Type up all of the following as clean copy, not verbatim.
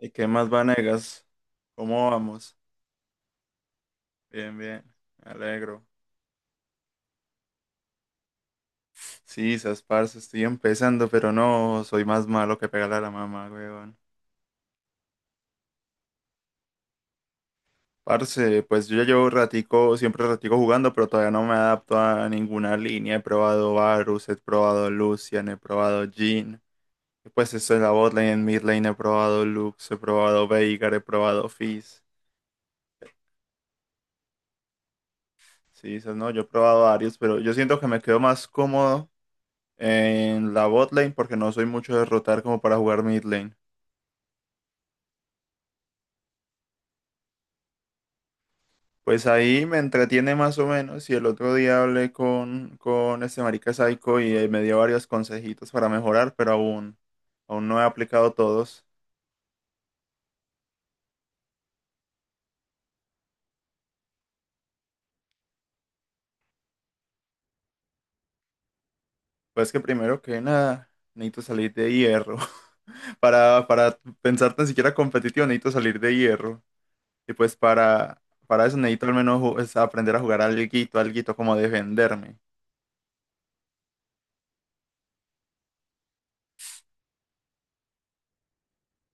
¿Y qué más, Vanegas? ¿Cómo vamos? Bien, bien, me alegro. Sí, sas, parce, estoy empezando, pero no, soy más malo que pegarle a la mamá, weón. Parce, pues yo ya llevo ratico, siempre ratico jugando, pero todavía no me adapto a ninguna línea. He probado Varus, he probado Lucian, he probado Jhin. Y pues esto es la botlane, en midlane he probado Lux, he probado Veigar, he probado Fizz. Sí, esas. No, yo he probado varios, pero yo siento que me quedo más cómodo en la bot lane, porque no soy mucho de rotar como para jugar mid lane. Pues ahí me entretiene más o menos. Y el otro día hablé con este marica Psycho y me dio varios consejitos para mejorar, pero aún no he aplicado todos. Pues que primero que nada, necesito salir de hierro. Para pensar tan siquiera competitivo, necesito salir de hierro. Y pues para eso necesito al menos es aprender a jugar alguito, alguito como defenderme.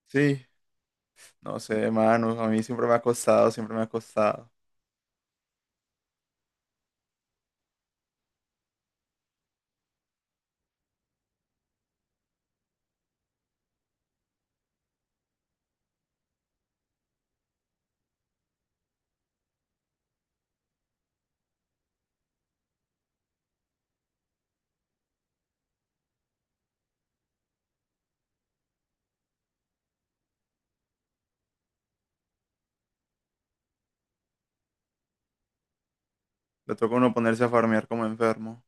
Sí. No sé, Manu, a mí siempre me ha costado, siempre me ha costado. Le toca a uno ponerse a farmear como enfermo.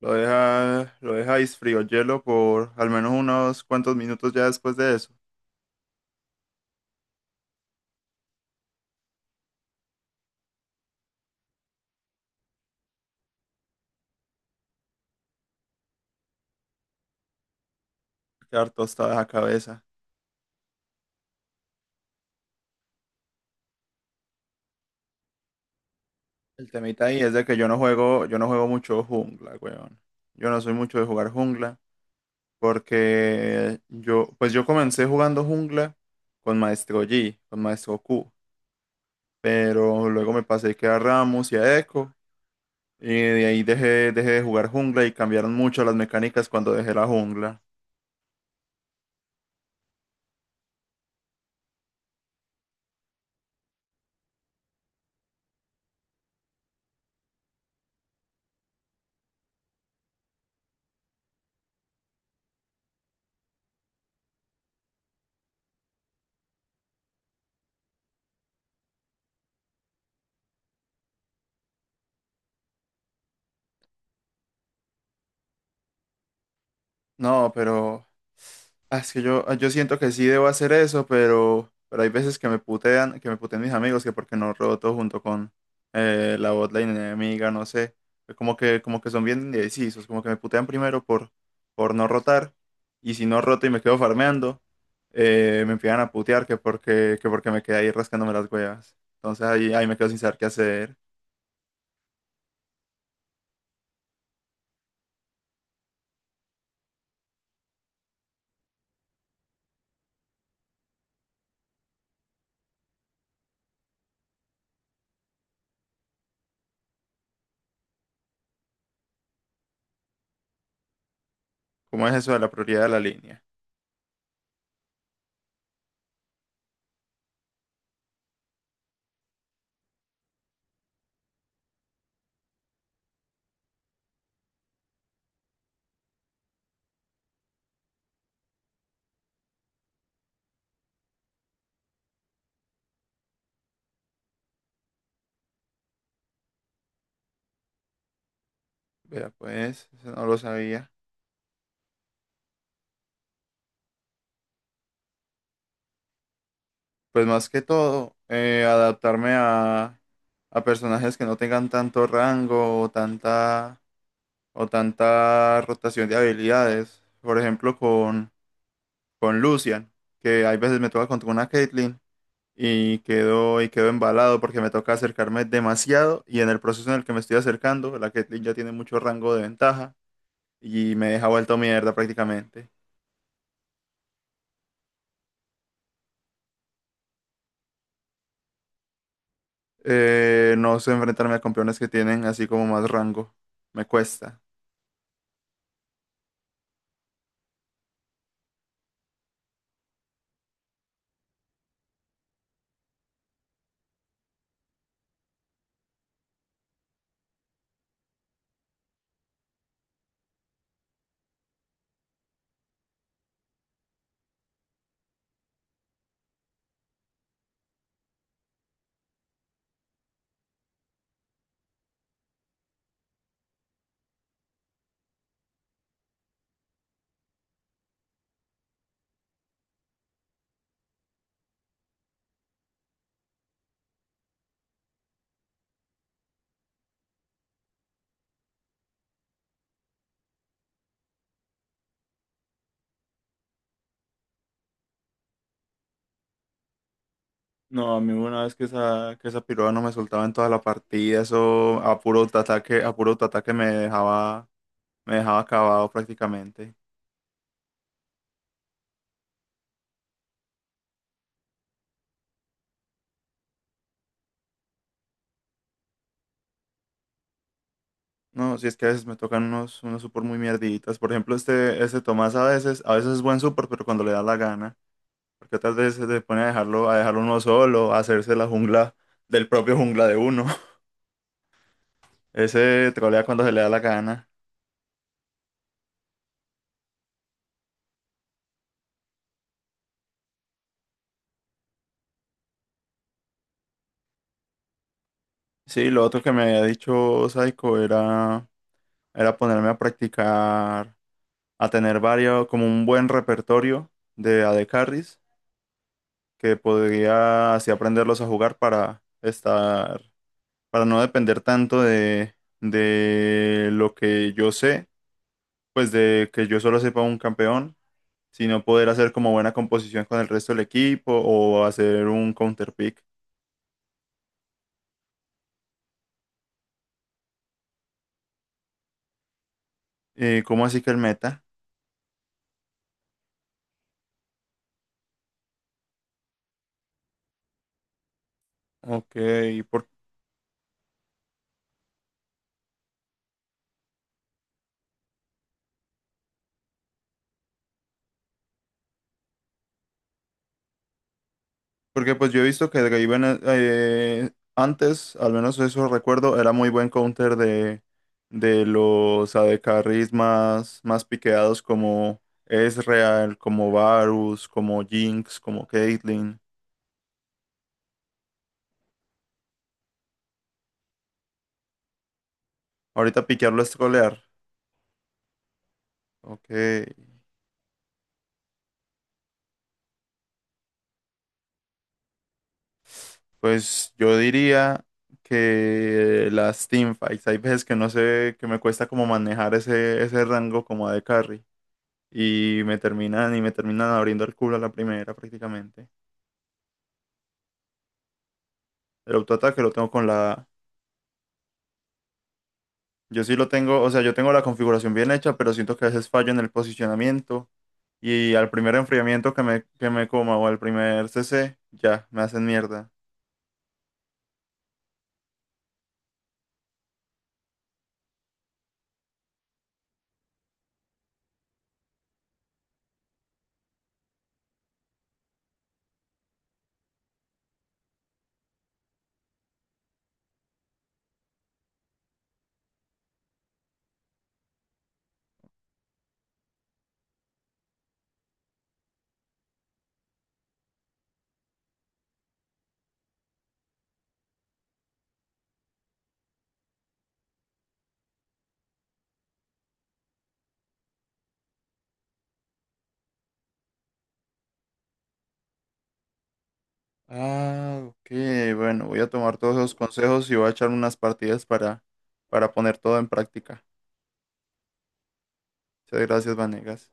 Lo deja frío hielo por al menos unos cuantos minutos ya después de eso. Quedar tostada esa cabeza. El temita ahí es de que yo no juego mucho jungla, weón. Yo no soy mucho de jugar jungla porque yo, pues yo comencé jugando jungla con Maestro Yi, con Maestro Q, pero luego me pasé que a Rammus y a Echo. Y de ahí dejé de jugar jungla y cambiaron mucho las mecánicas cuando dejé la jungla. No, pero es que yo, yo siento que sí debo hacer eso, pero hay veces que me putean mis amigos, que porque no roto junto con la botlane enemiga, no sé. Como que son bien indecisos, como que me putean primero por no rotar. Y si no roto y me quedo farmeando, me empiezan a putear que porque me quedé ahí rascándome las huevas. Entonces ahí, ahí me quedo sin saber qué hacer. ¿Cómo es eso de la prioridad de la línea? Vea, pues, eso no lo sabía. Pues más que todo, adaptarme a personajes que no tengan tanto rango o tanta rotación de habilidades. Por ejemplo, con Lucian, que hay veces me toca contra una Caitlyn y quedo embalado porque me toca acercarme demasiado y en el proceso en el que me estoy acercando, la Caitlyn ya tiene mucho rango de ventaja y me deja vuelto mierda prácticamente. No sé enfrentarme a campeones que tienen así como más rango. Me cuesta. No, a mí una vez que esa piroa no me soltaba en toda la partida, eso a puro ataque me dejaba acabado prácticamente. No, si es que a veces me tocan unos, unos super muy mierditas. Por ejemplo, este Tomás a veces es buen super, pero cuando le da la gana. Porque otras veces se pone a dejarlo uno solo, a hacerse la jungla del propio jungla de uno. Ese trolea cuando se le da la gana. Sí, lo otro que me había dicho Saiko era ponerme a practicar, a tener varios, como un buen repertorio de AD Carries, que podría así aprenderlos a jugar para estar, para no depender tanto de lo que yo sé, pues de que yo solo sepa un campeón, sino poder hacer como buena composición con el resto del equipo o hacer un counter pick. ¿Cómo así que el meta? Ok. Porque pues yo he visto que Draven antes, al menos eso recuerdo, era muy buen counter de los AD carries más, más piqueados como Ezreal, como Varus, como Jinx, como Caitlyn. Ahorita piquearlo es trolear. Ok, pues yo diría que las teamfights, hay veces que no sé, que me cuesta como manejar ese, ese rango como AD carry y me terminan abriendo el culo a la primera prácticamente. El autoataque lo tengo con la... Yo sí lo tengo, o sea, yo tengo la configuración bien hecha, pero siento que a veces fallo en el posicionamiento. Y al primer enfriamiento que me coma o al primer CC, ya, me hacen mierda. Ah, ok, bueno, voy a tomar todos esos consejos y voy a echar unas partidas para poner todo en práctica. Muchas gracias, Vanegas.